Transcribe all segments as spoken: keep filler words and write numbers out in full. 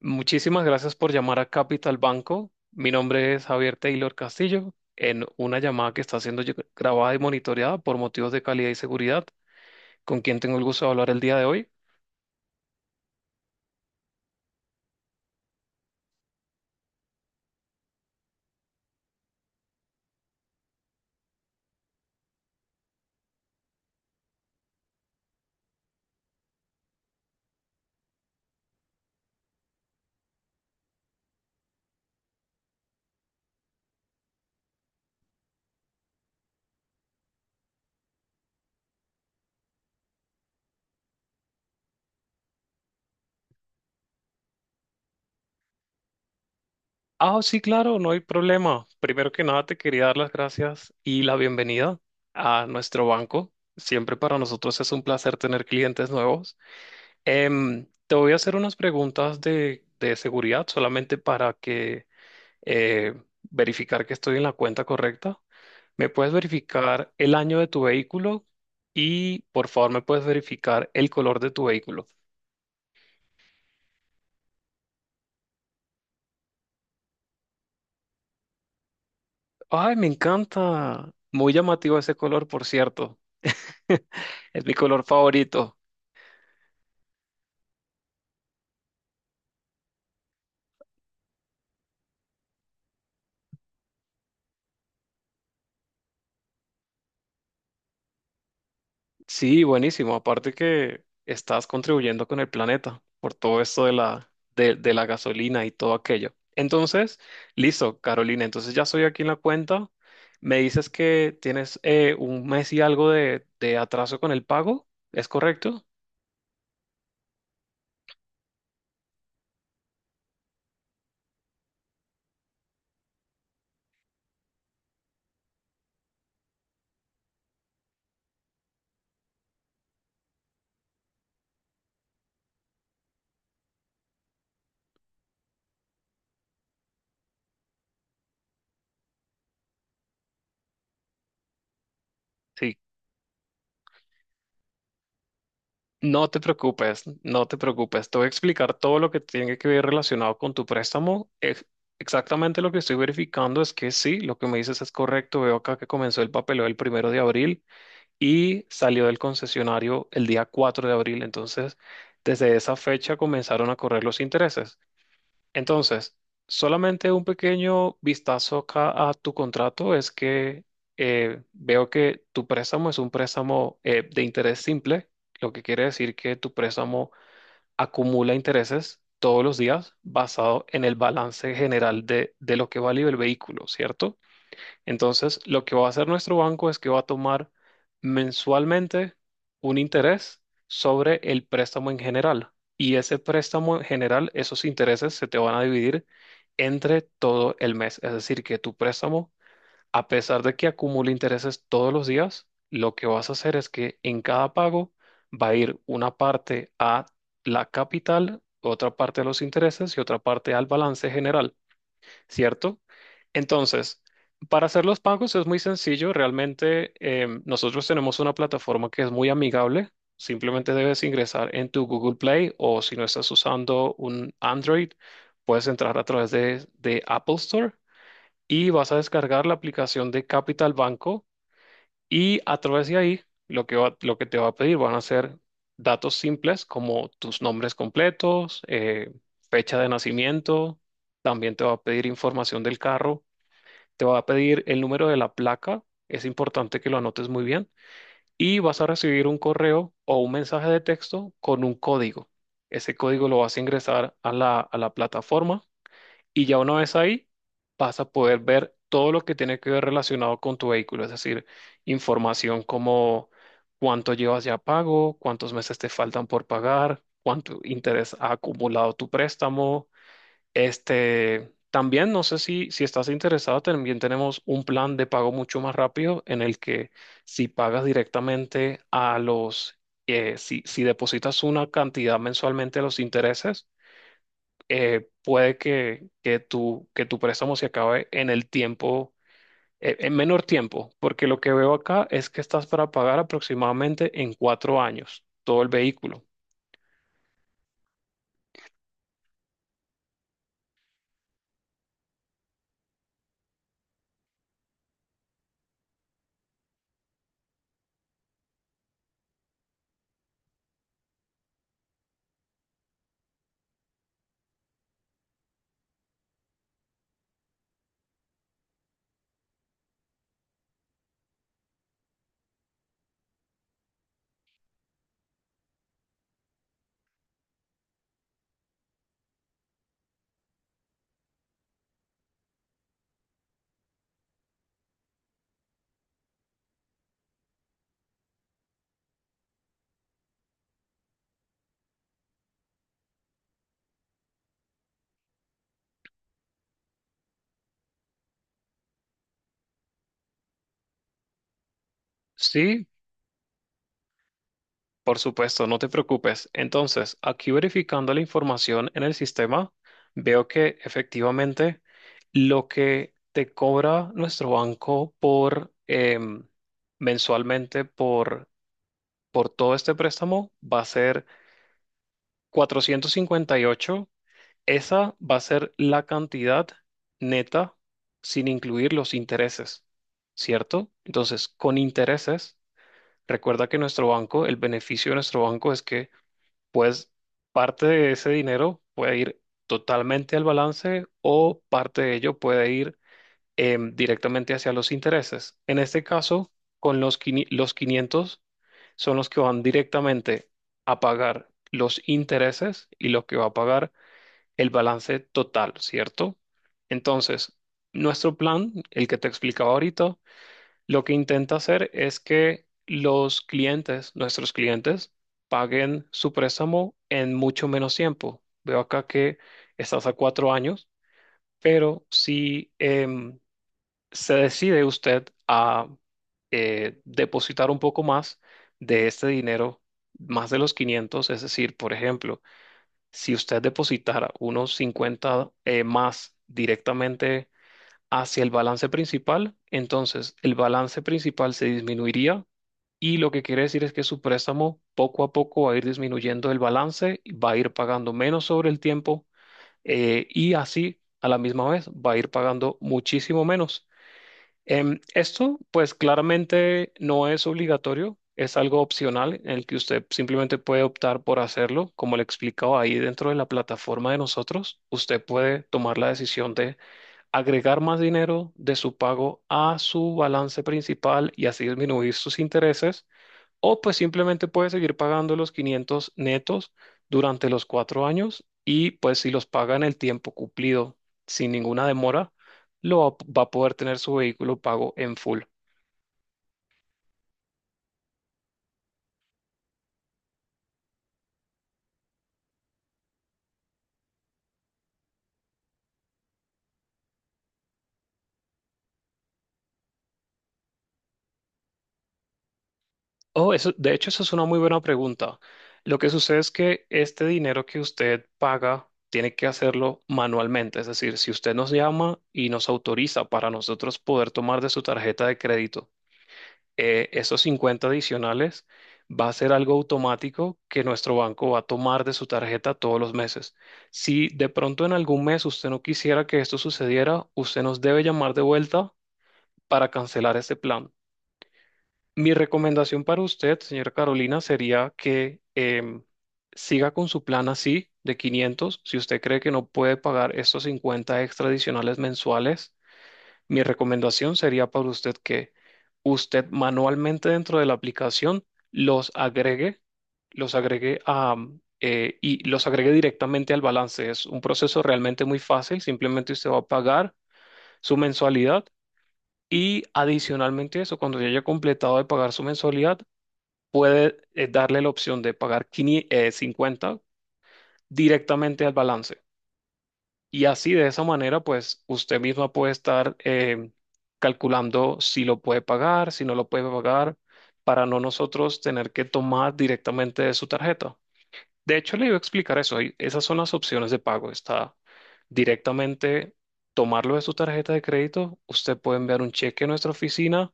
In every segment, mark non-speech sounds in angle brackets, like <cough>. Muchísimas gracias por llamar a Capital Banco. Mi nombre es Javier Taylor Castillo, en una llamada que está siendo lle- grabada y monitoreada por motivos de calidad y seguridad, ¿con quién tengo el gusto de hablar el día de hoy? Ah, sí, claro, no hay problema. Primero que nada, te quería dar las gracias y la bienvenida a nuestro banco. Siempre para nosotros es un placer tener clientes nuevos. Em, te voy a hacer unas preguntas de, de seguridad solamente para que eh, verificar que estoy en la cuenta correcta. ¿Me puedes verificar el año de tu vehículo? Y por favor, ¿me puedes verificar el color de tu vehículo? ¡Ay, me encanta! Muy llamativo ese color, por cierto. <laughs> Es mi color favorito. Sí, buenísimo. Aparte que estás contribuyendo con el planeta por todo esto de la, de, de la gasolina y todo aquello. Entonces, listo, Carolina. Entonces ya soy aquí en la cuenta. Me dices que tienes eh, un mes y algo de, de atraso con el pago. ¿Es correcto? Sí. No te preocupes, no te preocupes. Te voy a explicar todo lo que tiene que ver relacionado con tu préstamo. Ex- Exactamente lo que estoy verificando es que sí, lo que me dices es correcto. Veo acá que comenzó el papeleo el primero de abril y salió del concesionario el día cuatro de abril. Entonces, desde esa fecha comenzaron a correr los intereses. Entonces, solamente un pequeño vistazo acá a tu contrato es que eh, veo que tu préstamo es un préstamo eh, de interés simple, lo que quiere decir que tu préstamo acumula intereses todos los días basado en el balance general de, de lo que vale el vehículo, ¿cierto? Entonces, lo que va a hacer nuestro banco es que va a tomar mensualmente un interés sobre el préstamo en general. Y ese préstamo en general, esos intereses se te van a dividir entre todo el mes. Es decir, que tu préstamo, a pesar de que acumule intereses todos los días, lo que vas a hacer es que en cada pago va a ir una parte a la capital, otra parte a los intereses y otra parte al balance general. ¿Cierto? Entonces, para hacer los pagos es muy sencillo. Realmente em, nosotros tenemos una plataforma que es muy amigable. Simplemente debes ingresar en tu Google Play o, si no estás usando un Android, puedes entrar a través de, de Apple Store y vas a descargar la aplicación de Capital Banco. Y a través de ahí, lo que va- lo que te va a pedir van a ser datos simples como tus nombres completos, eh, fecha de nacimiento, también te va a pedir información del carro, te va a pedir el número de la placa, es importante que lo anotes muy bien, y vas a recibir un correo o un mensaje de texto con un código. Ese código lo vas a ingresar a la, a la plataforma y, ya una vez ahí, vas a poder ver todo lo que tiene que ver relacionado con tu vehículo, es decir, información como cuánto llevas ya pago, cuántos meses te faltan por pagar, cuánto interés ha acumulado tu préstamo. Este, también no sé si, si estás interesado, también tenemos un plan de pago mucho más rápido en el que, si pagas directamente a los, eh, si, si depositas una cantidad mensualmente a los intereses, eh, puede que, que tu, que tu préstamo se acabe en el tiempo, eh, en menor tiempo, porque lo que veo acá es que estás para pagar aproximadamente en cuatro años todo el vehículo. Sí, por supuesto, no te preocupes. Entonces, aquí verificando la información en el sistema, veo que efectivamente lo que te cobra nuestro banco por em, mensualmente por, por todo este préstamo va a ser cuatrocientos cincuenta y ocho. Esa va a ser la cantidad neta sin incluir los intereses, ¿cierto? Entonces, con intereses, recuerda que nuestro banco, el beneficio de nuestro banco es que, pues, parte de ese dinero puede ir totalmente al balance o parte de ello puede ir em, directamente hacia los intereses. En este caso, con los, quini- los quinientos son los que van directamente a pagar los intereses y lo que va a pagar el balance total, ¿cierto? Entonces, nuestro plan, el que te explicaba ahorita, lo que intenta hacer es que los clientes, nuestros clientes, paguen su préstamo en mucho menos tiempo. Veo acá que estás a cuatro años, pero si em, se decide usted a eh, depositar un poco más de este dinero, más de los quinientos, es decir, por ejemplo, si usted depositara unos cincuenta eh, más directamente hacia el balance principal, entonces el balance principal se disminuiría y lo que quiere decir es que su préstamo poco a poco va a ir disminuyendo el balance, va a ir pagando menos sobre el tiempo, eh, y así a la misma vez va a ir pagando muchísimo menos. Em, esto, pues, claramente no es obligatorio, es algo opcional en el que usted simplemente puede optar por hacerlo. Como le he explicado, ahí dentro de la plataforma de nosotros, usted puede tomar la decisión de agregar más dinero de su pago a su balance principal y así disminuir sus intereses, o pues simplemente puedes seguir pagando los quinientos netos durante los cuatro años, y pues si los paga en el tiempo cumplido sin ninguna demora, lo va va a poder tener su vehículo pago en full. Oh, eso, de hecho, eso es una muy buena pregunta. Lo que sucede es que este dinero que usted paga tiene que hacerlo manualmente. Es decir, si usted nos llama y nos autoriza para nosotros poder tomar de su tarjeta de crédito eh, esos cincuenta adicionales, va a ser algo automático que nuestro banco va a tomar de su tarjeta todos los meses. Si de pronto en algún mes usted no quisiera que esto sucediera, usted nos debe llamar de vuelta para cancelar este plan. Mi recomendación para usted, señora Carolina, sería que em, siga con su plan así de quinientos. Si usted cree que no puede pagar estos cincuenta extra adicionales mensuales, mi recomendación sería para usted que usted manualmente dentro de la aplicación los agregue, los agregue a, mm, eh, y los agregue directamente al balance. Es un proceso realmente muy fácil. Simplemente usted va a pagar su mensualidad y, adicionalmente a eso, cuando ya haya completado de pagar su mensualidad, puede eh, darle la opción de pagar quinientos, eh, cincuenta directamente al balance. Y así de esa manera, pues usted misma puede estar eh, calculando si lo puede pagar, si no lo puede pagar, para no nosotros tener que tomar directamente de su tarjeta. De hecho, le iba a explicar eso. Y esas son las opciones de pago. Está directamente tomarlo de su tarjeta de crédito. Usted puede enviar un cheque a nuestra oficina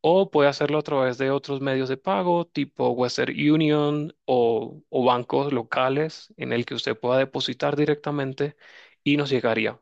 o puede hacerlo a través de otros medios de pago, tipo Western Union o, o bancos locales en el que usted pueda depositar directamente y nos llegaría.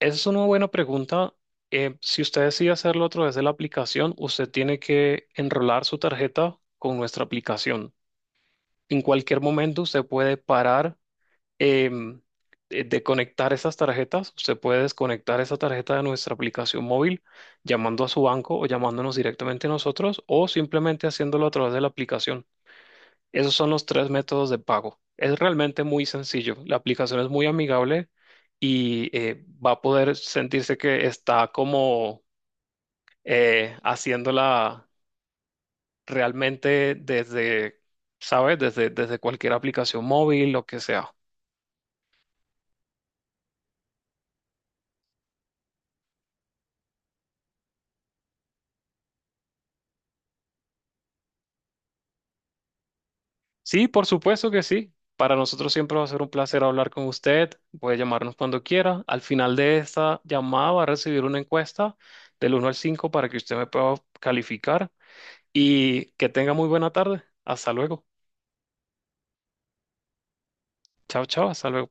Esa es una buena pregunta. Eh, si usted decide hacerlo a través de la aplicación, usted tiene que enrolar su tarjeta con nuestra aplicación. En cualquier momento usted puede parar em, de de conectar esas tarjetas. Usted puede desconectar esa tarjeta de nuestra aplicación móvil llamando a su banco o llamándonos directamente a nosotros o simplemente haciéndolo a través de la aplicación. Esos son los tres métodos de pago. Es realmente muy sencillo. La aplicación es muy amigable y, eh, va a poder sentirse que está como eh, haciéndola realmente desde, ¿sabes? Desde, desde cualquier aplicación móvil, lo que sea. Sí, por supuesto que sí. Para nosotros siempre va a ser un placer hablar con usted. Puede llamarnos cuando quiera. Al final de esta llamada va a recibir una encuesta del uno al cinco para que usted me pueda calificar, y que tenga muy buena tarde. Hasta luego. Chao, chao. Hasta luego.